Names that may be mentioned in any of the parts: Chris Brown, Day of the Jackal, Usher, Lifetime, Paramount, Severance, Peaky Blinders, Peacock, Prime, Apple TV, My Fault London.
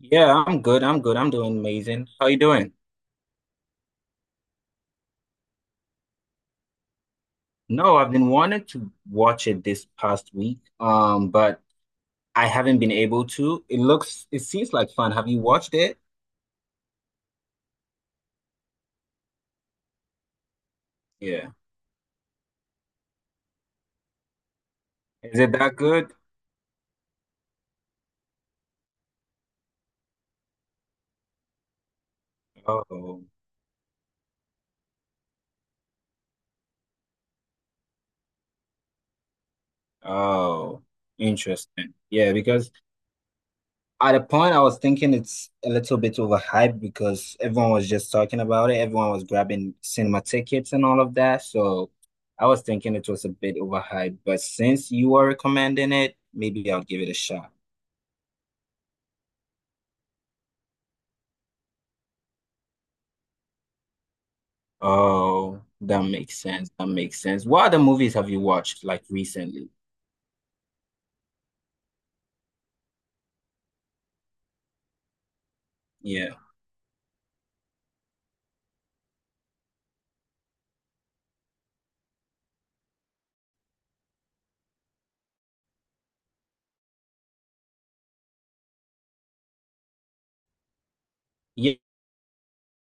Yeah, I'm good. I'm doing amazing. How you doing? No, I've been wanting to watch it this past week, but I haven't been able to. It seems like fun. Have you watched it? Yeah. Is it that good? Oh, oh, interesting. Yeah, because. At a point, I was thinking it's a little bit overhyped because everyone was just talking about it. Everyone was grabbing cinema tickets and all of that. So I was thinking it was a bit overhyped. But since you are recommending it, maybe I'll give it a shot. Oh, that makes sense. That makes sense. What other movies have you watched like recently? Yeah,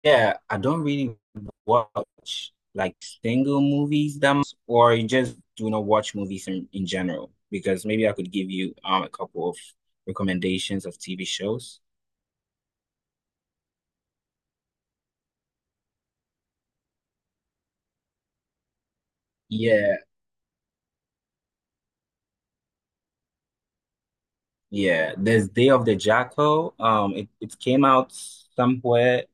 yeah, I don't really watch like single movies that much, or I just do not watch movies in general, because maybe I could give you a couple of recommendations of TV shows. Yeah, yeah. There's Day of the Jackal. It came out somewhere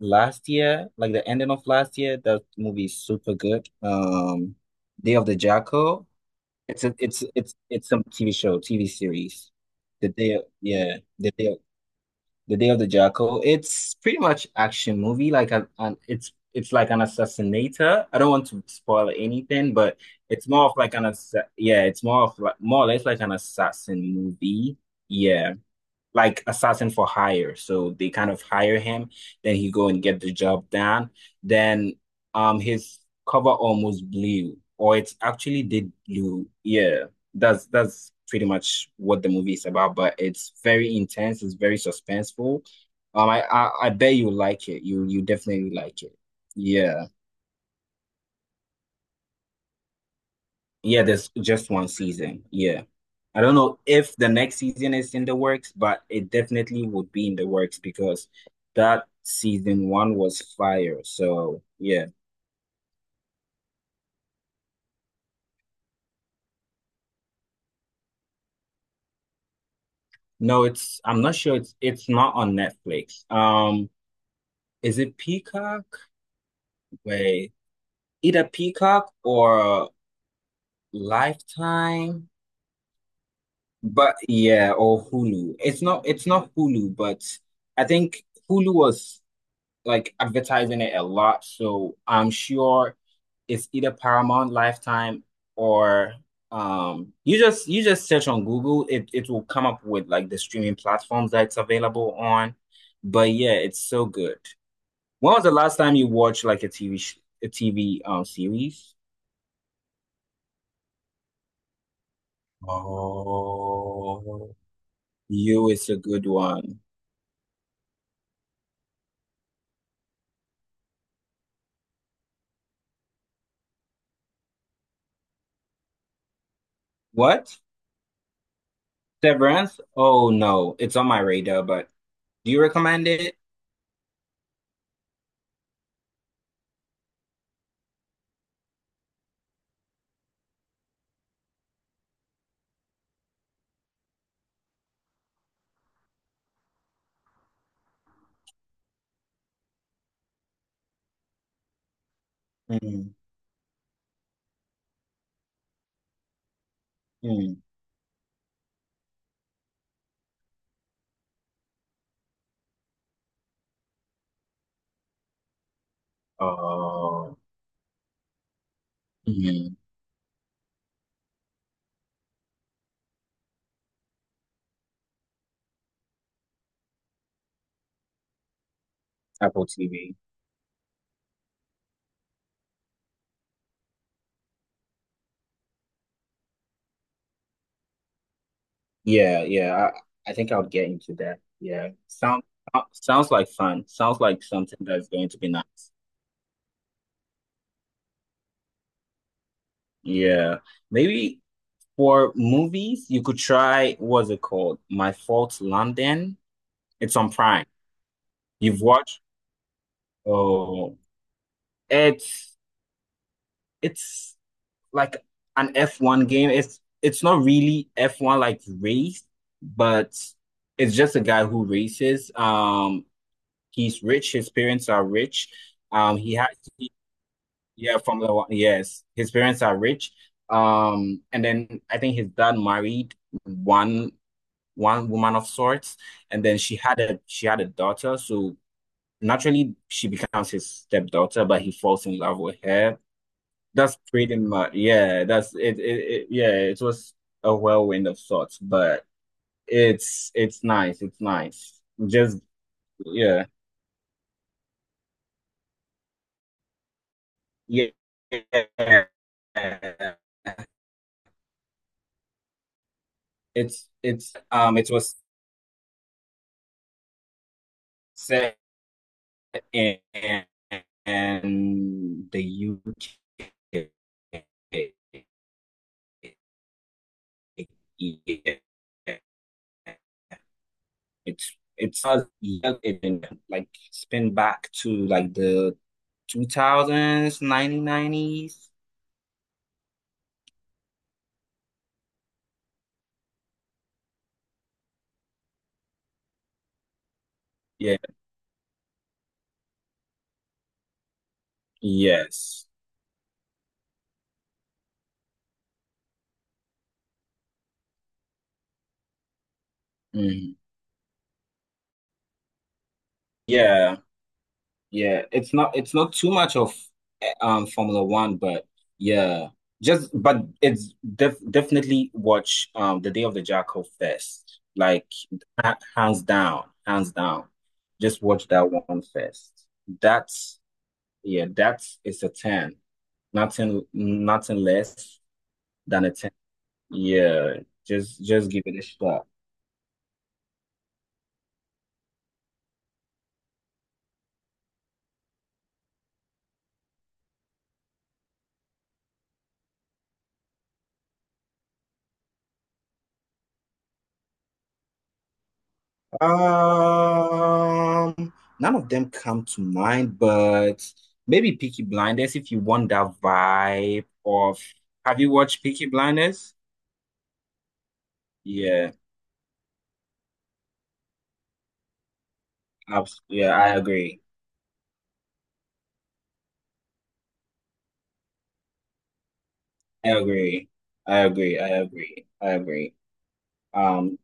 last year, like the ending of last year. That movie is super good. Day of the Jackal. It's a it's it's some TV show, TV series. The day, yeah, the day. The Day of the Jackal. It's pretty much action movie. Like a, an, it's like an assassinator. I don't want to spoil anything, but it's more of like an assa yeah, it's more of like, more or less, like an assassin movie. Yeah, like assassin for hire. So they kind of hire him, then he go and get the job done. Then his cover almost blew, or it actually did blew. Yeah, that's pretty much what the movie is about. But it's very intense. It's very suspenseful. I bet you like it. You definitely like it. Yeah. Yeah, there's just one season. Yeah. I don't know if the next season is in the works, but it definitely would be in the works because that season one was fire. So yeah. No, it's I'm not sure, it's not on Netflix. Is it Peacock? Wait, either Peacock or Lifetime, but yeah, or Hulu. It's not Hulu, but I think Hulu was like advertising it a lot, so I'm sure it's either Paramount, Lifetime, or you just search on Google, it will come up with like the streaming platforms that it's available on. But yeah, it's so good. When was the last time you watched like a TV series? Oh, you is a good one. What? Severance? Oh no, it's on my radar, but do you recommend it? Mm, mm. Oh, mhm. Apple TV. Yeah, yeah. I think I'll get into that. Yeah. Sounds like fun. Sounds like something that's going to be nice. Yeah. Maybe for movies, you could try, what's it called? My Fault London. It's on Prime. You've watched? Oh, it's it's like an F1 game. It's not really F1 like race, but it's just a guy who races. He's rich. His parents are rich. Um, he has, he, yeah, Formula One. Yes, his parents are rich. And then I think his dad married one one woman of sorts, and then she had a daughter. So naturally, she becomes his stepdaughter, but he falls in love with her. That's pretty much, yeah. That's it, it, it. Yeah, it was a whirlwind of sorts, but it's nice. It's nice. Just yeah. Yeah. It was set in, in the UK. Yeah. It's yeah, it like spin back to like the 2000s, 1990s. Yeah. Yes. Mhm. Yeah. Yeah, it's not too much of Formula One, but yeah, just but it's definitely watch The Day of the Jackal first. Like hands down, hands down. Just watch that one first. That's yeah, that's it's a 10. Nothing less than a 10. Yeah, just give it a shot. Um, none of them come to mind, but maybe Peaky Blinders if you want that vibe of, have you watched Peaky Blinders? Yeah, abs yeah, I agree. I agree. I agree. Um,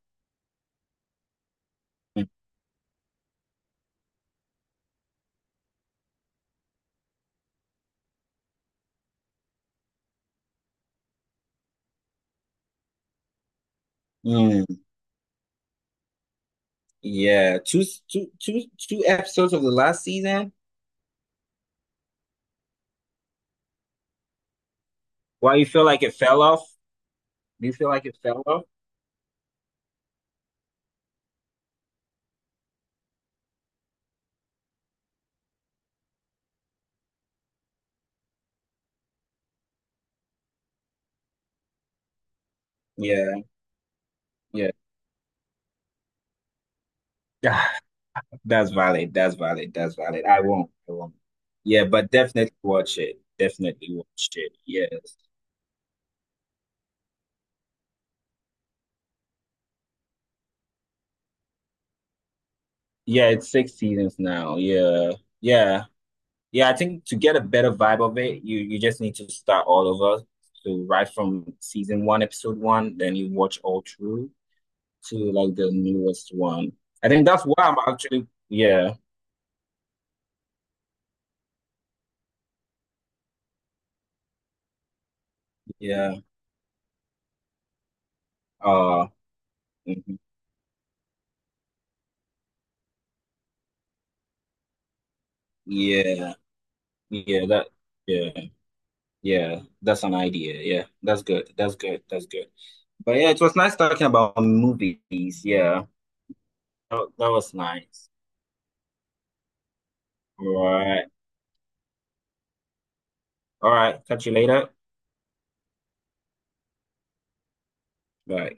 mm, yeah, two episodes of the last season. Why you feel like it fell off? Do you feel like it fell off? Yeah, yeah. That's valid. That's valid. I won't. I won't. Yeah, but definitely watch it. Definitely watch it. Yes. Yeah, it's six seasons now. Yeah. Yeah. Yeah, I think to get a better vibe of it, you just need to start all over. So right from season one, episode one, then you watch all through to like the newest one. I think that's why I'm actually yeah, yeah. Uh mhm. Yeah, yeah, that yeah. Yeah, that's an idea. Yeah, that's good. That's good. But yeah, it was nice talking about movies. That was nice. All right. All right. Catch you later. Bye.